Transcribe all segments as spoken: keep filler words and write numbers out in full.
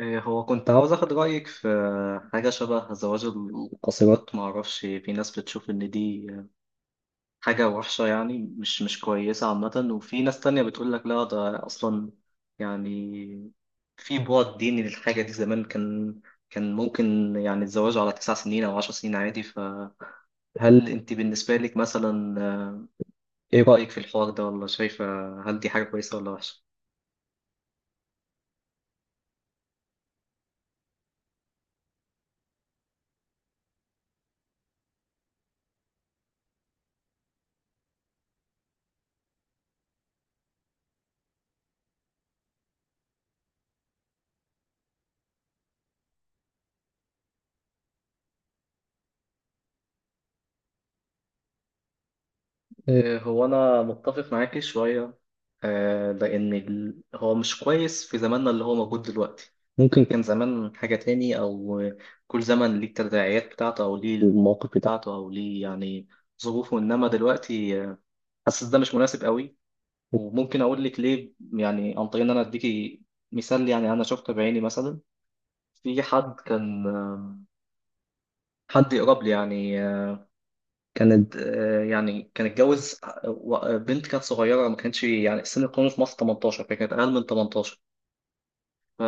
إيه، هو كنت عاوز اخد رايك في حاجه شبه زواج القاصرات. ما اعرفش، في ناس بتشوف ان دي حاجه وحشه، يعني مش مش كويسه عامه، وفي ناس تانية بتقول لك لا، ده اصلا يعني في بعد ديني للحاجه دي. زمان كان كان ممكن يعني الزواج على تسع سنين او عشر سنين عادي. فهل انت بالنسبه لك مثلا، آه، ايه رايك في الحوار ده؟ ولا شايفه، هل دي حاجه كويسه ولا وحشه؟ إيه، هو أنا متفق معاكي شوية. آه، لأن ال- هو مش كويس في زماننا اللي هو موجود دلوقتي. ممكن كان زمان حاجة تاني، أو كل زمن ليه التداعيات بتاعته، أو ليه المواقف بتاعته، أو ليه يعني ظروفه. إنما دلوقتي آه، حاسس ده مش مناسب قوي. وممكن أقول لك ليه، يعني عن طريق إن أنا أديكي مثال. يعني أنا شفته بعيني مثلا، في حد كان آه، حد يقرب لي، يعني آه، كانت آه، يعني كان اتجوز آه، بنت كانت صغيرة، ما كانش يعني سن القانون في مصر تمنتاشر، فكانت أقل من تمنتاشر. ف-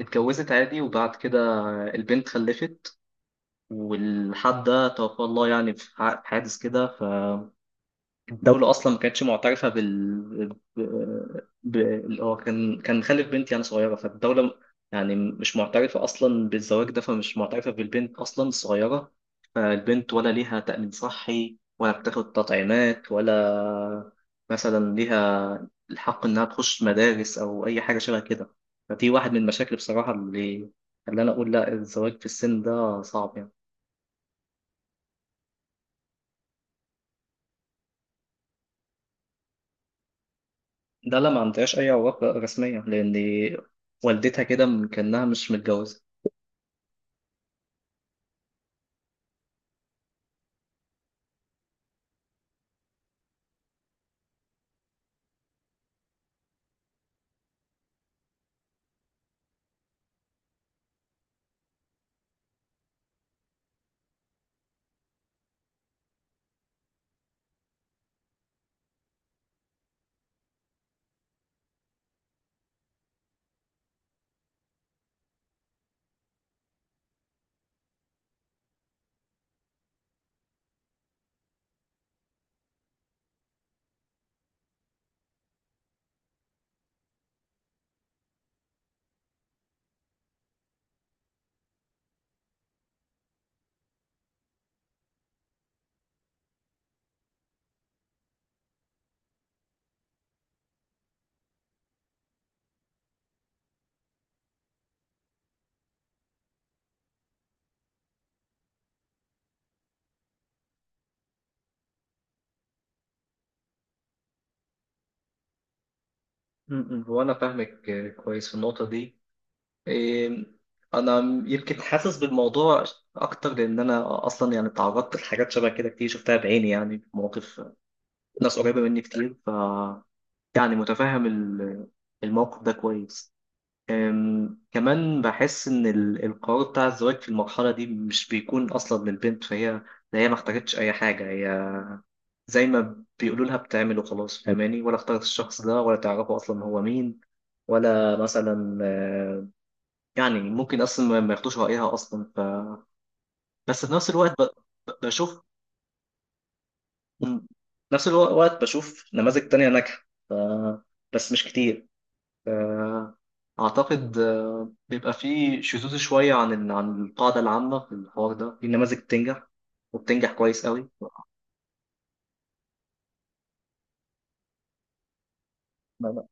اتجوزت عادي، وبعد كده البنت خلفت، والحد ده توفى الله، يعني في ح- في حادث كده. الدولة أصلا ما كانتش معترفة بال ب... ب... ال- هو كان كان خالف بنت يعني صغيرة، فالدولة يعني مش معترفة أصلا بالزواج ده، فمش معترفة بالبنت أصلا الصغيرة. فالبنت ولا ليها تأمين صحي، ولا بتاخد تطعيمات، ولا مثلا ليها الحق إنها تخش مدارس أو أي حاجة شبه كده. فدي واحد من المشاكل بصراحة اللي اللي أنا أقول لا الزواج في السن ده صعب يعني. ده لا، ما عندهاش أي علاقة رسمية، لأن والدتها كده م- كأنها مش متجوزة. م- م. هو أنا فاهمك كويس في النقطة دي. إيه، أنا يمكن حاسس بالموضوع أكتر، لأن أنا أصلا يعني تعرضت لحاجات شبه كده كتير، شفتها بعيني يعني، في مواقف ناس قريبة مني كتير، ف يعني متفهم ال- الموقف ده كويس. أم، كمان بحس إن ال- القرار بتاع الزواج في المرحلة دي مش بيكون أصلا للبنت، فهي هي ما احتاجتش أي حاجة. هي زي ما بيقولوا لها بتعمل وخلاص، فاهماني؟ ولا اختارت الشخص ده، ولا تعرفه اصلا هو مين، ولا مثلا آه، يعني ممكن اصلا ما ما ياخدوش رايها اصلا. ف... بس في نفس الوقت ب... ب- بشوف، م- نفس الوقت بشوف نماذج تانية ناجحة. ف... بس مش كتير. ف... اعتقد آه، بيبقى فيه شذوذ شوية عن ال... عن القاعدة العامة في الحوار ده، في نماذج بتنجح، وبتنجح كويس قوي. ما- ما-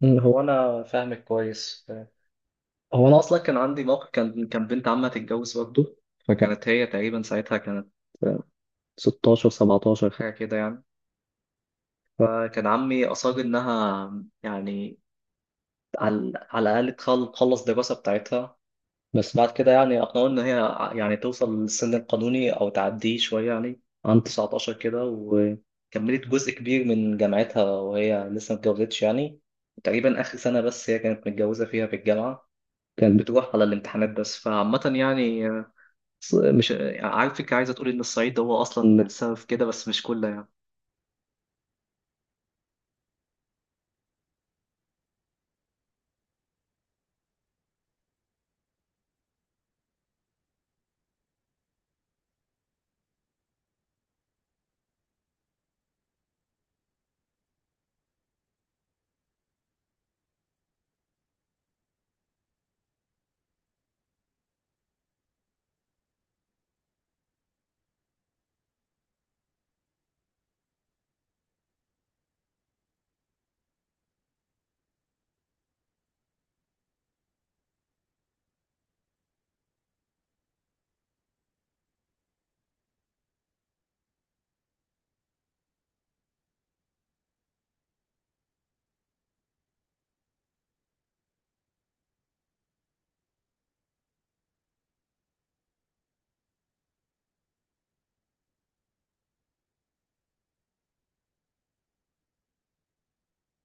م. هو أنا فاهمك كويس. هو انا اصلا كان عندي موقف، كان كان بنت عمها تتجوز برضه، فكانت هي تقريبا ساعتها كانت ستاشر سبعتاشر حاجه كده يعني. فكان عمي اصر انها يعني على على الاقل تخل- تخلص الدراسه بتاعتها. بس بعد كده يعني اقنعوه ان هي ع- يعني توصل للسن القانوني او تعديه شويه، يعني عن تسعتاشر كده، وكملت جزء كبير من جامعتها وهي لسه ما اتجوزتش. يعني تقريبا اخر سنه بس هي كانت متجوزه فيها في الجامعه، كانت بتروح على الامتحانات بس. فعامة يعني، ص- مش عارفك عايزة تقولي إن الصعيد هو أصلا السبب في كده، بس مش كله يعني.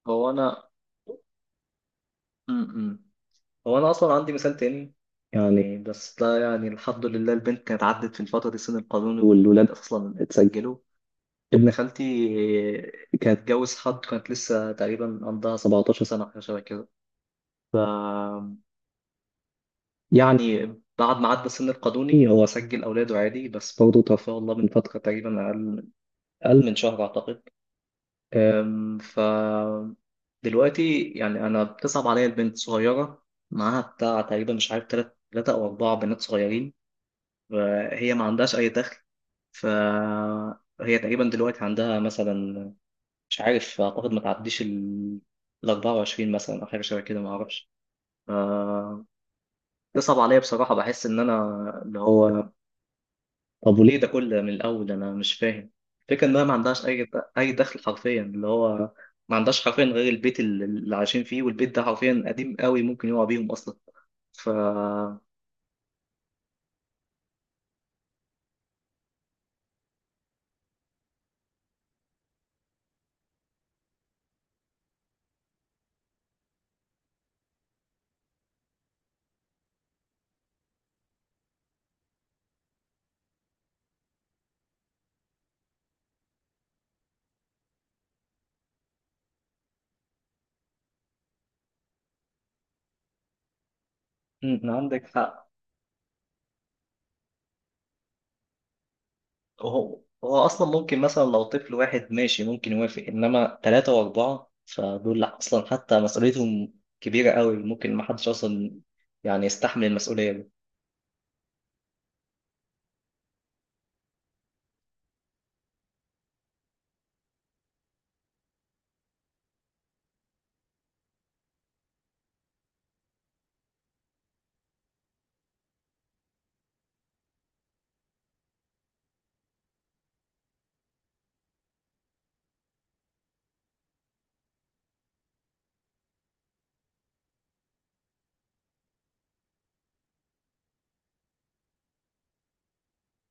هو أنا م -م. هو أنا أصلا عندي مثال تاني، يعني بس ده يعني الحمد لله البنت كانت عدت في الفترة دي السن القانوني، والولاد أصلا اتسجلوا. ابن خالتي كانت اتجوز حد، كانت لسه تقريبا عندها سبعة عشر سنة حاجة شبه كده يعني. بعد ما عدى السن القانوني هو سجل أولاده عادي، بس برضه توفاه الله من فترة تقريبا، أقل أقل من شهر أعتقد. أم، ف دلوقتي يعني انا بتصعب عليا، البنت صغيره، معاها بتاع تقريبا، مش عارف، تلات تلاتة او اربعه بنات صغيرين. فهي ما عندهاش اي دخل. فهي تقريبا دلوقتي عندها مثلا، مش عارف، اعتقد ما تعديش ال ال أربعة وعشرين مثلا، او حاجه شبه كده، ما اعرفش. ف- بتصعب عليا بصراحه، بحس ان انا، اللي هو، طب وليه ده كله من الأول؟ أنا مش فاهم. الفكرة إنها ما عندهاش أي أي دخل، حرفيا اللي هو ما عندهاش حرفيا غير البيت اللي اللي عايشين فيه، والبيت ده حرفيا قديم قوي، ممكن يقع بيهم أصلا. ف مم، عندك حق. هو هو أصلا ممكن، مثلا لو طفل واحد ماشي ممكن يوافق، إنما ثلاثة وأربعة فدول أصلا حتى مسؤوليتهم كبيرة قوي، ممكن ما حدش أصلا يعني يستحمل المسؤولية دي.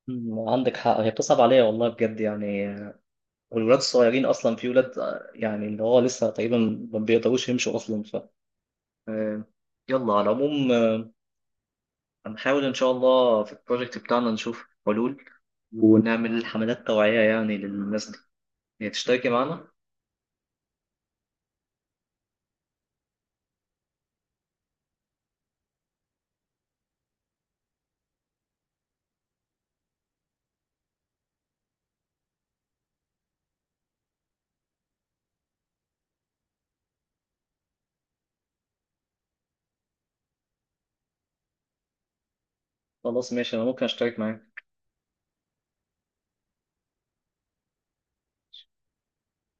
مم، عندك حق، هي بتصعب عليا والله بجد يعني. والولاد الصغيرين اصلا، في ولاد، آه، يعني اللي هو لسه تقريبا ما بيقدروش يمشوا اصلا. ف آه، يلا، على العموم، آه، هنحاول ان شاء الله في البروجكت بتاعنا نشوف حلول، ونعمل حملات توعية يعني للناس دي. هي تشتركي معانا؟ خلاص ماشي، انا ممكن اشترك معاك.